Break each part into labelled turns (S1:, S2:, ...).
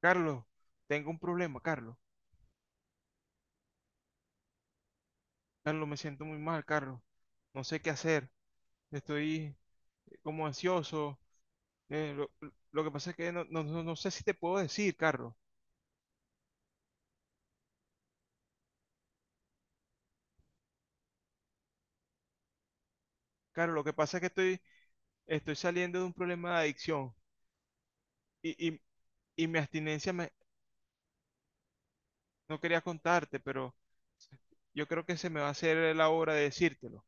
S1: Carlos, tengo un problema, Carlos. Carlos, me siento muy mal, Carlos. No sé qué hacer. Estoy como ansioso. Eh, lo, lo- que pasa es que no sé si te puedo decir, Carlos. Carlos, lo que pasa es que estoy saliendo de un problema de adicción y, y- y mi abstinencia no quería contarte, pero yo creo que se me va a hacer la hora de decírtelo.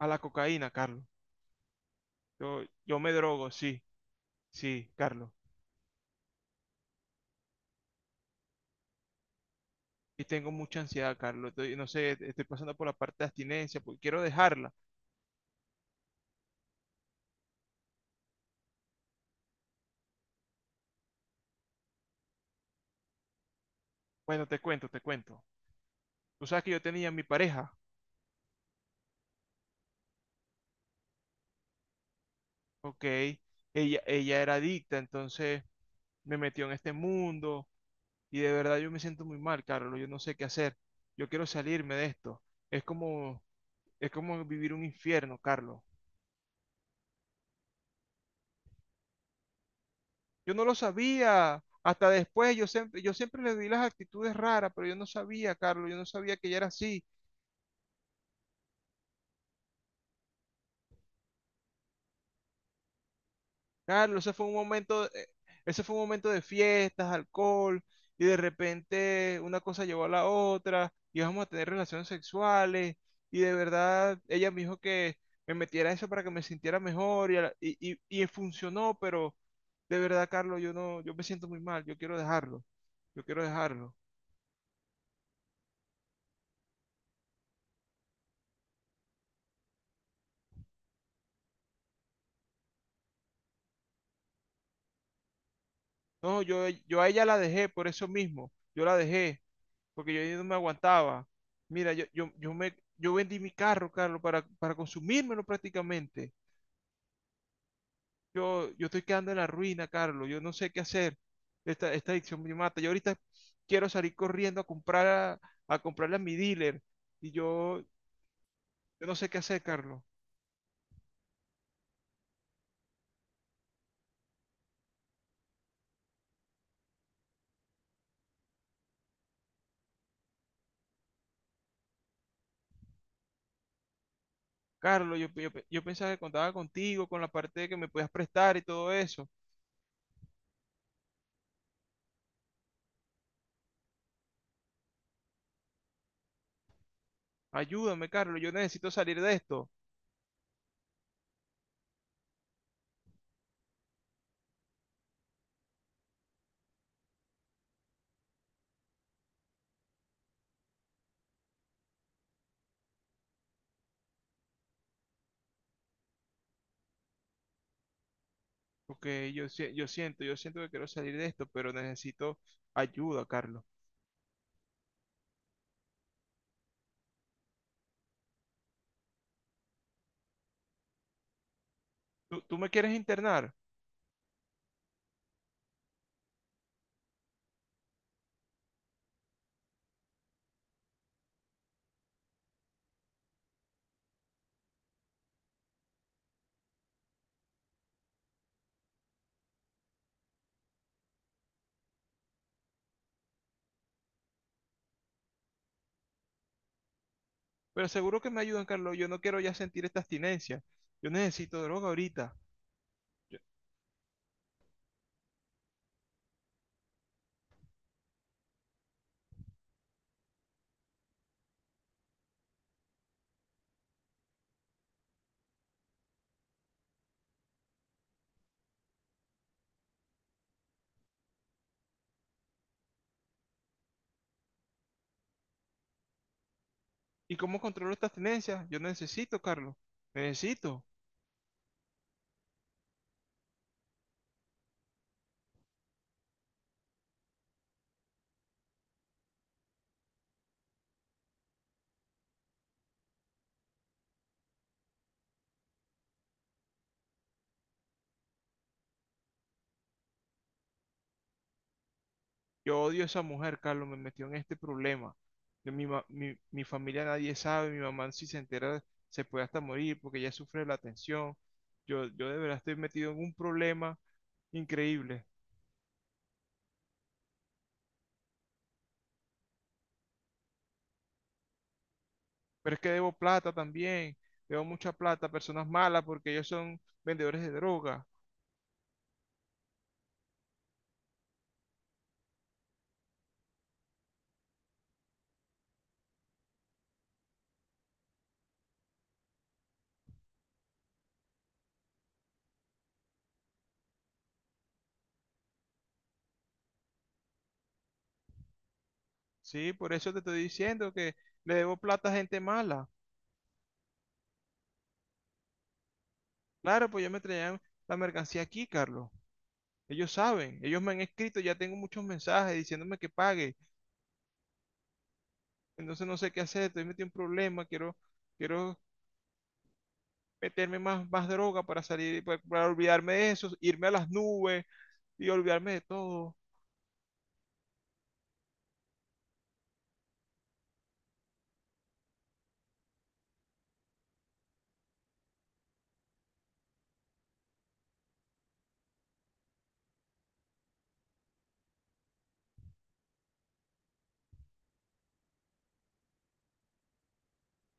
S1: A la cocaína, Carlos. Yo me drogo, sí, sí, Carlos. Y tengo mucha ansiedad, Carlos. No sé, estoy pasando por la parte de abstinencia porque quiero dejarla. Bueno, te cuento, te cuento. Tú sabes que yo tenía mi pareja, ¿ok? Ella era adicta, entonces me metió en este mundo y de verdad yo me siento muy mal, Carlos. Yo no sé qué hacer. Yo quiero salirme de esto. Es como, es como vivir un infierno, Carlos. Yo no lo sabía. Hasta después yo siempre le vi las actitudes raras, pero yo no sabía, Carlos. Yo no sabía que ella era así. Claro, ese fue un momento de fiestas, alcohol, y de repente una cosa llevó a la otra, y vamos a tener relaciones sexuales, y de verdad ella me dijo que me metiera eso para que me sintiera mejor, y, a la- y funcionó, pero de verdad, Carlos, yo no, yo me siento muy mal, yo quiero dejarlo, yo quiero dejarlo. No, yo a ella la dejé por eso mismo, yo la dejé, porque yo ya no me aguantaba. Mira, yo vendí mi carro, Carlos, para consumírmelo prácticamente. Yo estoy quedando en la ruina, Carlos. Yo no sé qué hacer. Esta adicción me mata. Yo ahorita quiero salir corriendo a comprarle a mi dealer. Y yo no sé qué hacer, Carlos. Carlos, yo pensaba que contaba contigo, con la parte de que me podías prestar y todo eso. Ayúdame, Carlos. Yo necesito salir de esto. Porque yo, si- yo siento que quiero salir de esto, pero necesito ayuda, Carlos. Tú me quieres internar, pero seguro que me ayudan, Carlos. Yo no quiero ya sentir esta abstinencia. Yo necesito droga ahorita. Yo- ¿Y cómo controlo esta abstinencia? Yo necesito, Carlos. Necesito. Yo odio a esa mujer, Carlos. Me metió en este problema. Mi familia nadie sabe. Mi mamá si se entera se puede hasta morir porque ella sufre la tensión. Yo de verdad estoy metido en un problema increíble. Pero es que debo plata también. Debo mucha plata a personas malas porque ellos son vendedores de droga. Sí, por eso te estoy diciendo que le debo plata a gente mala. Claro, pues yo me traían la mercancía aquí, Carlos. Ellos saben, ellos me han escrito, ya tengo muchos mensajes diciéndome que pague. Entonces no sé qué hacer, estoy metido en un problema, quiero meterme más droga para salir, para olvidarme de eso, irme a las nubes y olvidarme de todo.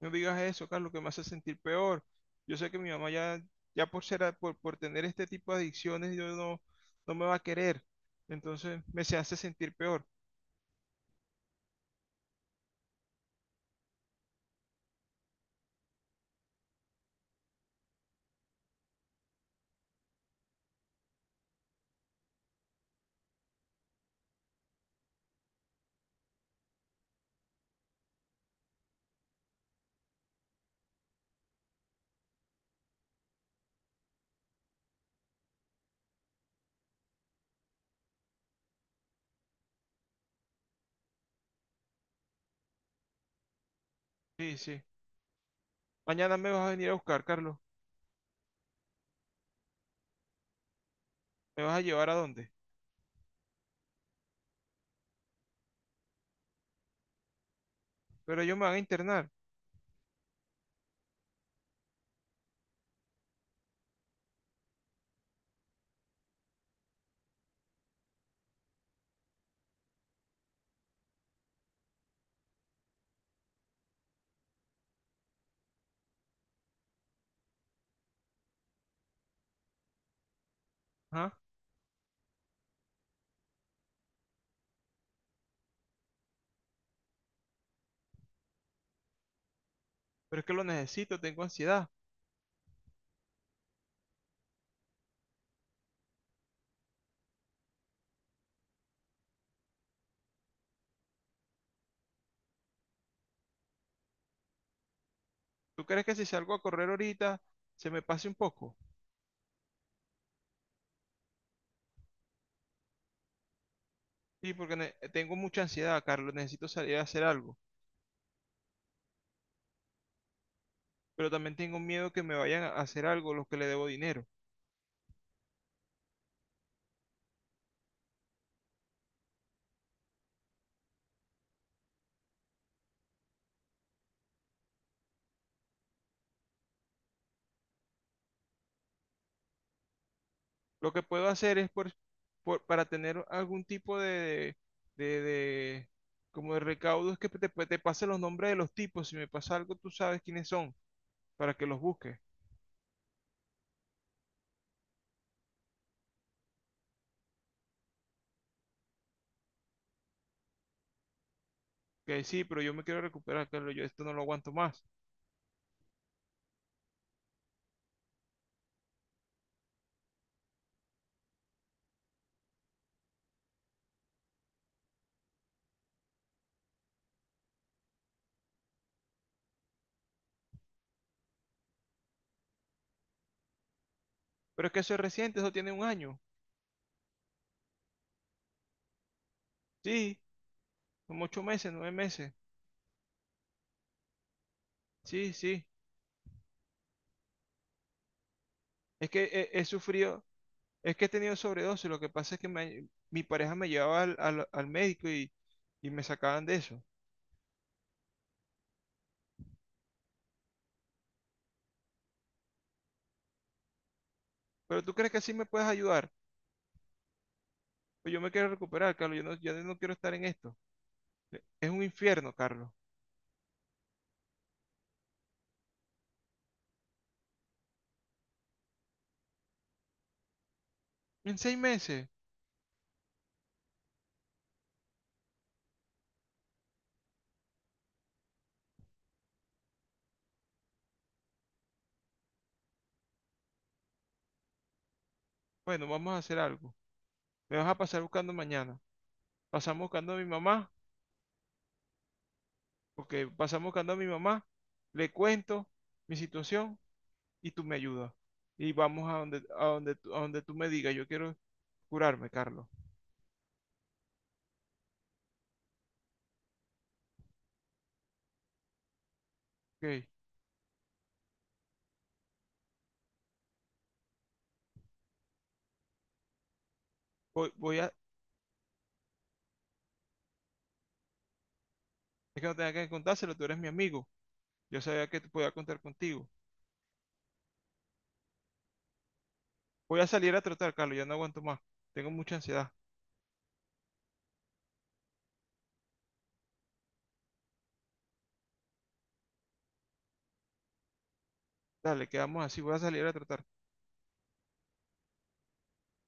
S1: No digas eso, Carlos, que me hace sentir peor. Yo sé que mi mamá ya por ser, a- por tener este tipo de adicciones, yo no me va a querer. Entonces me se hace sentir peor. Sí, sí. Mañana me vas a venir a buscar, Carlos. ¿Me vas a llevar a dónde? Pero ellos me van a internar. ¿Ah? Pero es que lo necesito, tengo ansiedad. ¿Tú crees que si salgo a correr ahorita se me pase un poco? Sí, porque tengo mucha ansiedad, Carlos. Necesito salir a hacer algo. Pero también tengo miedo que me vayan a hacer algo los que le debo dinero. Lo que puedo hacer es para tener algún tipo de, de- como de recaudo es que te pase los nombres de los tipos. Si me pasa algo, tú sabes quiénes son para que los busques. Que sí, pero yo me quiero recuperar, Carlos, yo esto no lo aguanto más. Pero es que eso es reciente, eso tiene un año. Sí, como 8 meses, 9 meses. Sí, sí. Es que he sufrido, es que he tenido sobredosis. Lo que pasa es que mi pareja me llevaba al médico y me sacaban de eso. Pero tú crees que así me puedes ayudar. Pues yo me quiero recuperar, Carlos, yo no quiero estar en esto. Es un infierno, Carlos. En 6 meses, bueno, vamos a hacer algo. Me vas a pasar buscando mañana. Pasamos buscando a mi mamá. Ok, pasamos buscando a mi mamá, le cuento mi situación y tú me ayudas. Y vamos a donde tú me digas, yo quiero curarme, Carlos. Ok, voy, voy a, es que no tenga que contárselo, tú eres mi amigo. Yo sabía que te podía contar contigo. Voy a salir a trotar, Carlos, ya no aguanto más. Tengo mucha ansiedad. Dale, quedamos así, voy a salir a trotar.